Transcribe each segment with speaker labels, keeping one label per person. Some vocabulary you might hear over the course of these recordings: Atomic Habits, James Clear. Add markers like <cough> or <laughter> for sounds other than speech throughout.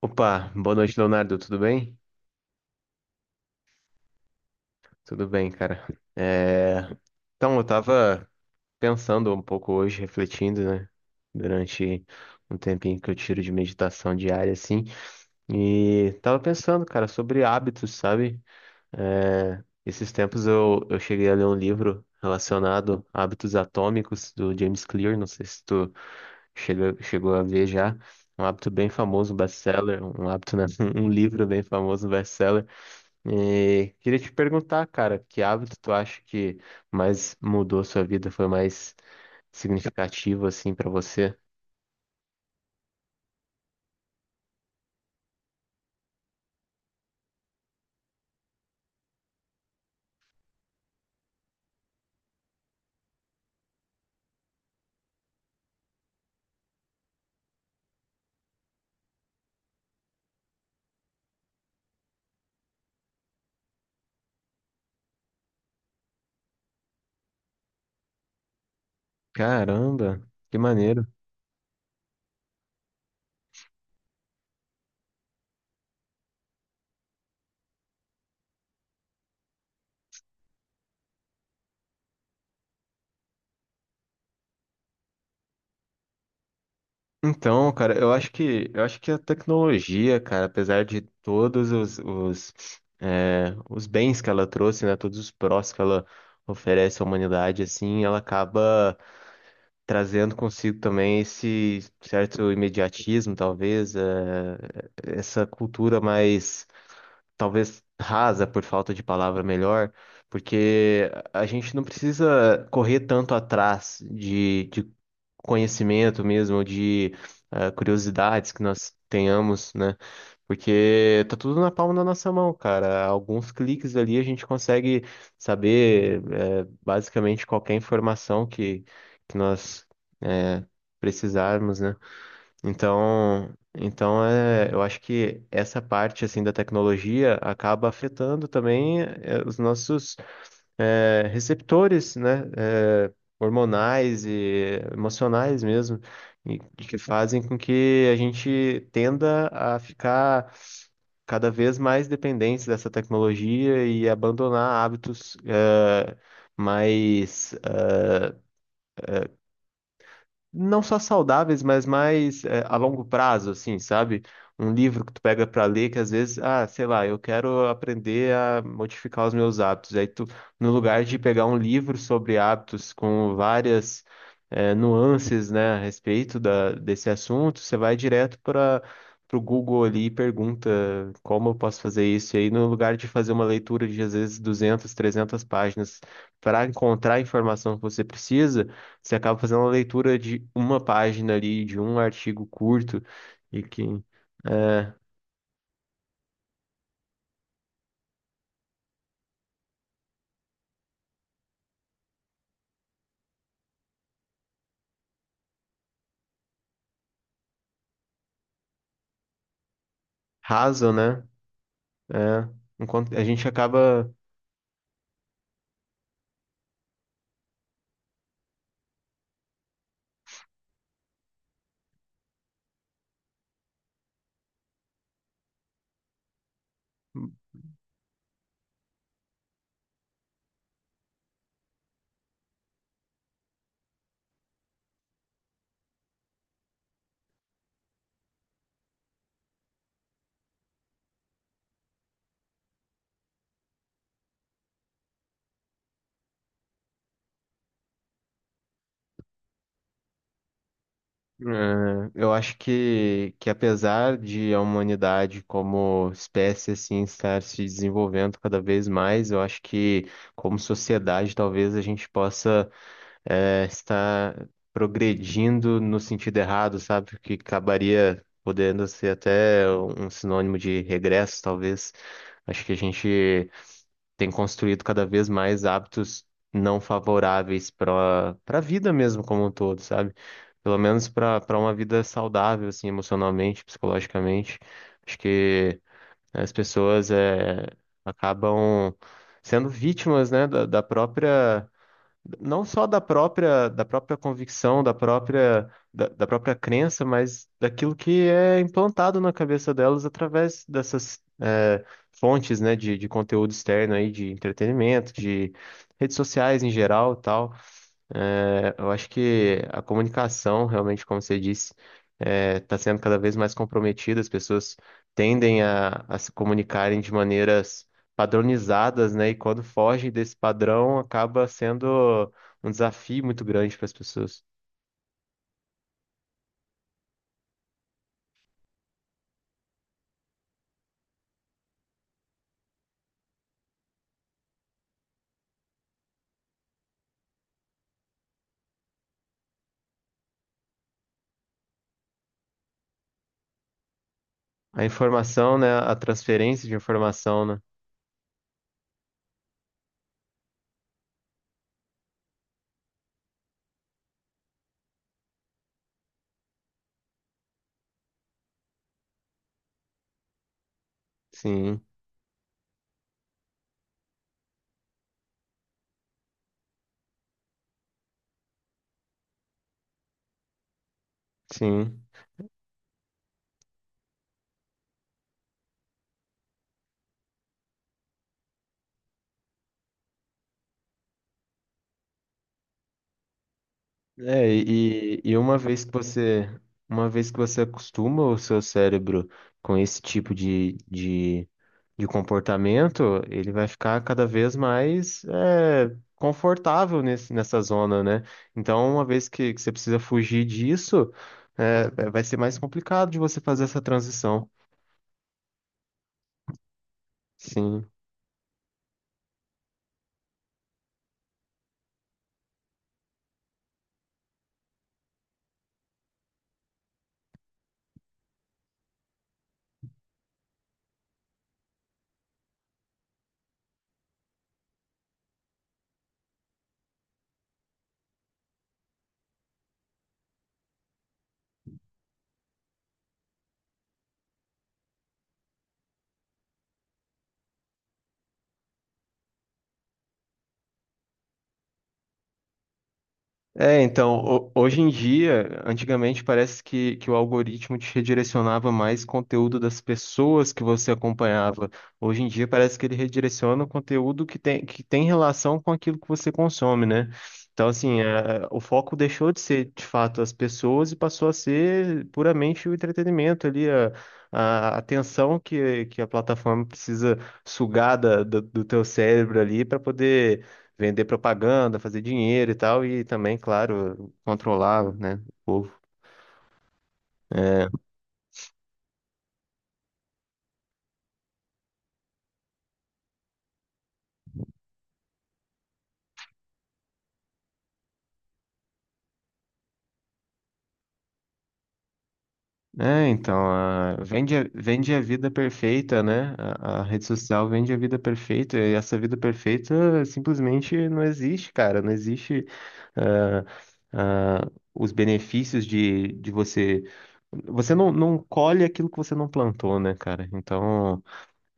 Speaker 1: Opa, boa noite, Leonardo. Tudo bem? Tudo bem, cara. É, Então, eu tava pensando um pouco hoje, refletindo, né? Durante um tempinho que eu tiro de meditação diária, assim. E tava pensando, cara, sobre hábitos, sabe? Esses tempos eu cheguei a ler um livro relacionado a hábitos atômicos do James Clear. Não sei se tu chegou a ver já. Um hábito bem famoso, um best-seller. Um hábito, né? <laughs> Um livro best-seller, um livro bem famoso, um best-seller. E queria te perguntar, cara, que hábito tu acha que mais mudou sua vida, foi mais significativo assim pra você? Caramba, que maneiro. Então, cara, eu acho que a tecnologia, cara, apesar de todos os bens que ela trouxe, né, todos os prós que ela oferece à humanidade, assim, ela acaba trazendo consigo também esse certo imediatismo, talvez, essa cultura mais talvez rasa, por falta de palavra melhor, porque a gente não precisa correr tanto atrás de conhecimento mesmo, de curiosidades que nós tenhamos, né? Porque tá tudo na palma da nossa mão, cara. Alguns cliques ali a gente consegue saber, basicamente qualquer informação que nós eh, precisarmos, né? Então, é, eu acho que essa parte assim da tecnologia acaba afetando também, os nossos receptores, né, hormonais e emocionais mesmo, e que fazem com que a gente tenda a ficar cada vez mais dependente dessa tecnologia e abandonar hábitos, mais, não só saudáveis, mas mais é, a longo prazo, assim, sabe? Um livro que tu pega pra ler, que às vezes, ah, sei lá, eu quero aprender a modificar os meus hábitos. Aí tu, no lugar de pegar um livro sobre hábitos com várias, nuances, né, a respeito desse assunto, você vai direto para pro Google ali e pergunta como eu posso fazer isso. E aí, no lugar de fazer uma leitura de às vezes duzentas, 300 páginas para encontrar a informação que você precisa, você acaba fazendo uma leitura de uma página ali, de um artigo curto e que é raso, né? É, enquanto a gente acaba, é, eu acho que apesar de a humanidade como espécie assim estar se desenvolvendo cada vez mais, eu acho que como sociedade talvez a gente possa, está progredindo no sentido errado, sabe? Que acabaria podendo ser até um sinônimo de regresso, talvez. Acho que a gente tem construído cada vez mais hábitos não favoráveis para a vida mesmo como um todo, sabe? Pelo menos para uma vida saudável, assim, emocionalmente, psicologicamente. Acho que as pessoas, é, acabam sendo vítimas, né, da própria, não só da própria, convicção, da própria, da própria crença, mas daquilo que é implantado na cabeça delas através dessas, fontes, né, de conteúdo externo aí, de entretenimento, de redes sociais em geral, e tal. É, eu acho que a comunicação, realmente, como você disse, está sendo cada vez mais comprometida. As pessoas tendem a se comunicarem de maneiras padronizadas, né? E quando fogem desse padrão, acaba sendo um desafio muito grande para as pessoas. A informação, né? A transferência de informação, né? Sim, sim. É, uma vez que uma vez que você acostuma o seu cérebro com esse tipo de comportamento, ele vai ficar cada vez mais, é, confortável nessa zona, né? Então, uma vez que você precisa fugir disso, vai ser mais complicado de você fazer essa transição. Sim. É, então, hoje em dia, antigamente parece que o algoritmo te redirecionava mais conteúdo das pessoas que você acompanhava. Hoje em dia parece que ele redireciona o conteúdo que tem relação com aquilo que você consome, né? Então, assim, é, o foco deixou de ser, de fato, as pessoas, e passou a ser puramente o entretenimento ali, a atenção que a plataforma precisa sugar do, do teu cérebro ali para poder vender propaganda, fazer dinheiro e tal, e também, claro, controlar, né, o povo. É, então, vende, vende a vida perfeita, né? A rede social vende a vida perfeita, e essa vida perfeita simplesmente não existe, cara. Não existe. Ah, ah, os benefícios de você. Você não, não colhe aquilo que você não plantou, né, cara? Então,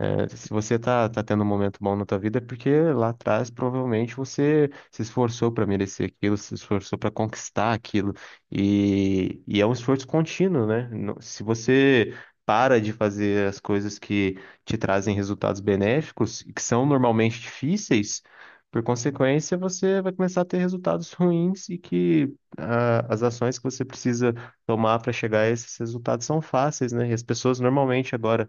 Speaker 1: é, se você tá, tá tendo um momento bom na tua vida, é porque lá atrás provavelmente você se esforçou para merecer aquilo, se esforçou para conquistar aquilo. E é um esforço contínuo, né? Se você para de fazer as coisas que te trazem resultados benéficos, e que são normalmente difíceis, por consequência, você vai começar a ter resultados <laughs> ruins. E que, ah, as ações que você precisa tomar para chegar a esses resultados são fáceis, né? E as pessoas normalmente agora,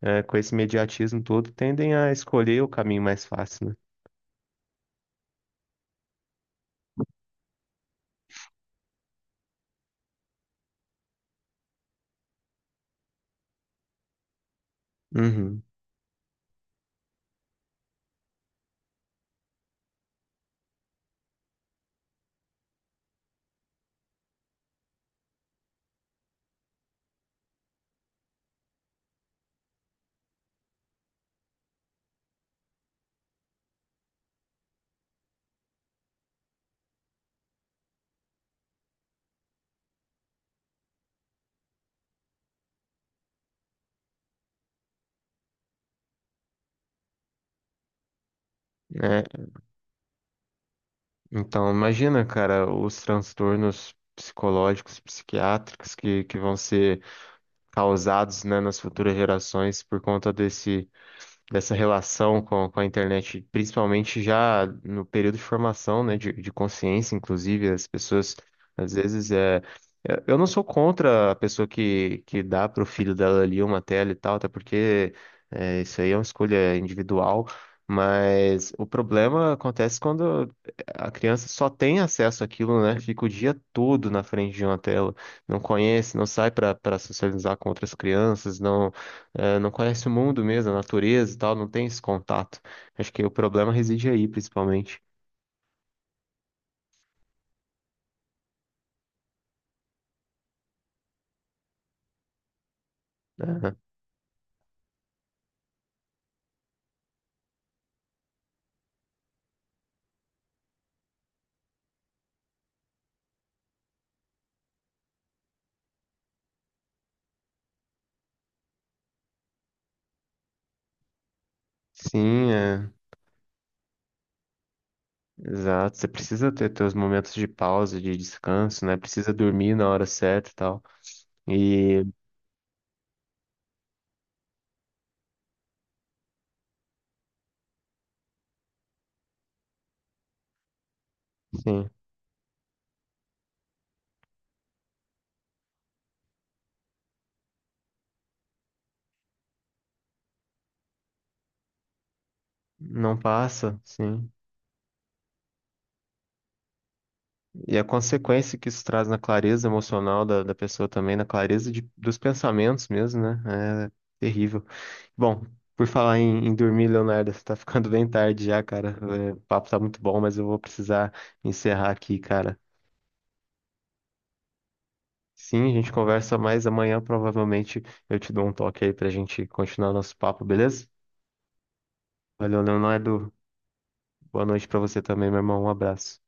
Speaker 1: é, com esse imediatismo todo, tendem a escolher o caminho mais fácil, né? Uhum. É, então, imagina, cara, os transtornos psicológicos, psiquiátricos que vão ser causados, né, nas futuras gerações por conta desse dessa relação com a internet, principalmente já no período de formação, né, de consciência, inclusive, as pessoas, às vezes, é... Eu não sou contra a pessoa que dá para o filho dela ali uma tela e tal, até porque, é, isso aí é uma escolha individual, mas o problema acontece quando a criança só tem acesso àquilo, né? Fica o dia todo na frente de uma tela, não conhece, não sai para socializar com outras crianças, não, não conhece o mundo mesmo, a natureza e tal, não tem esse contato. Acho que o problema reside aí, principalmente. Né? Sim, é, exato. Você precisa ter teus momentos de pausa, de descanso, né? Precisa dormir na hora certa e tal. E, sim, não passa, sim. E a consequência que isso traz na clareza emocional da pessoa também, na clareza dos pensamentos mesmo, né? É terrível. Bom, por falar em dormir, Leonardo, você tá ficando <laughs> bem tarde já, cara. É, o papo tá muito bom, mas eu vou precisar encerrar aqui, cara. Sim, a gente conversa mais amanhã, provavelmente eu te dou um toque aí pra gente continuar nosso papo, beleza? Valeu, Leonardo. Boa noite pra você também, meu irmão. Um abraço.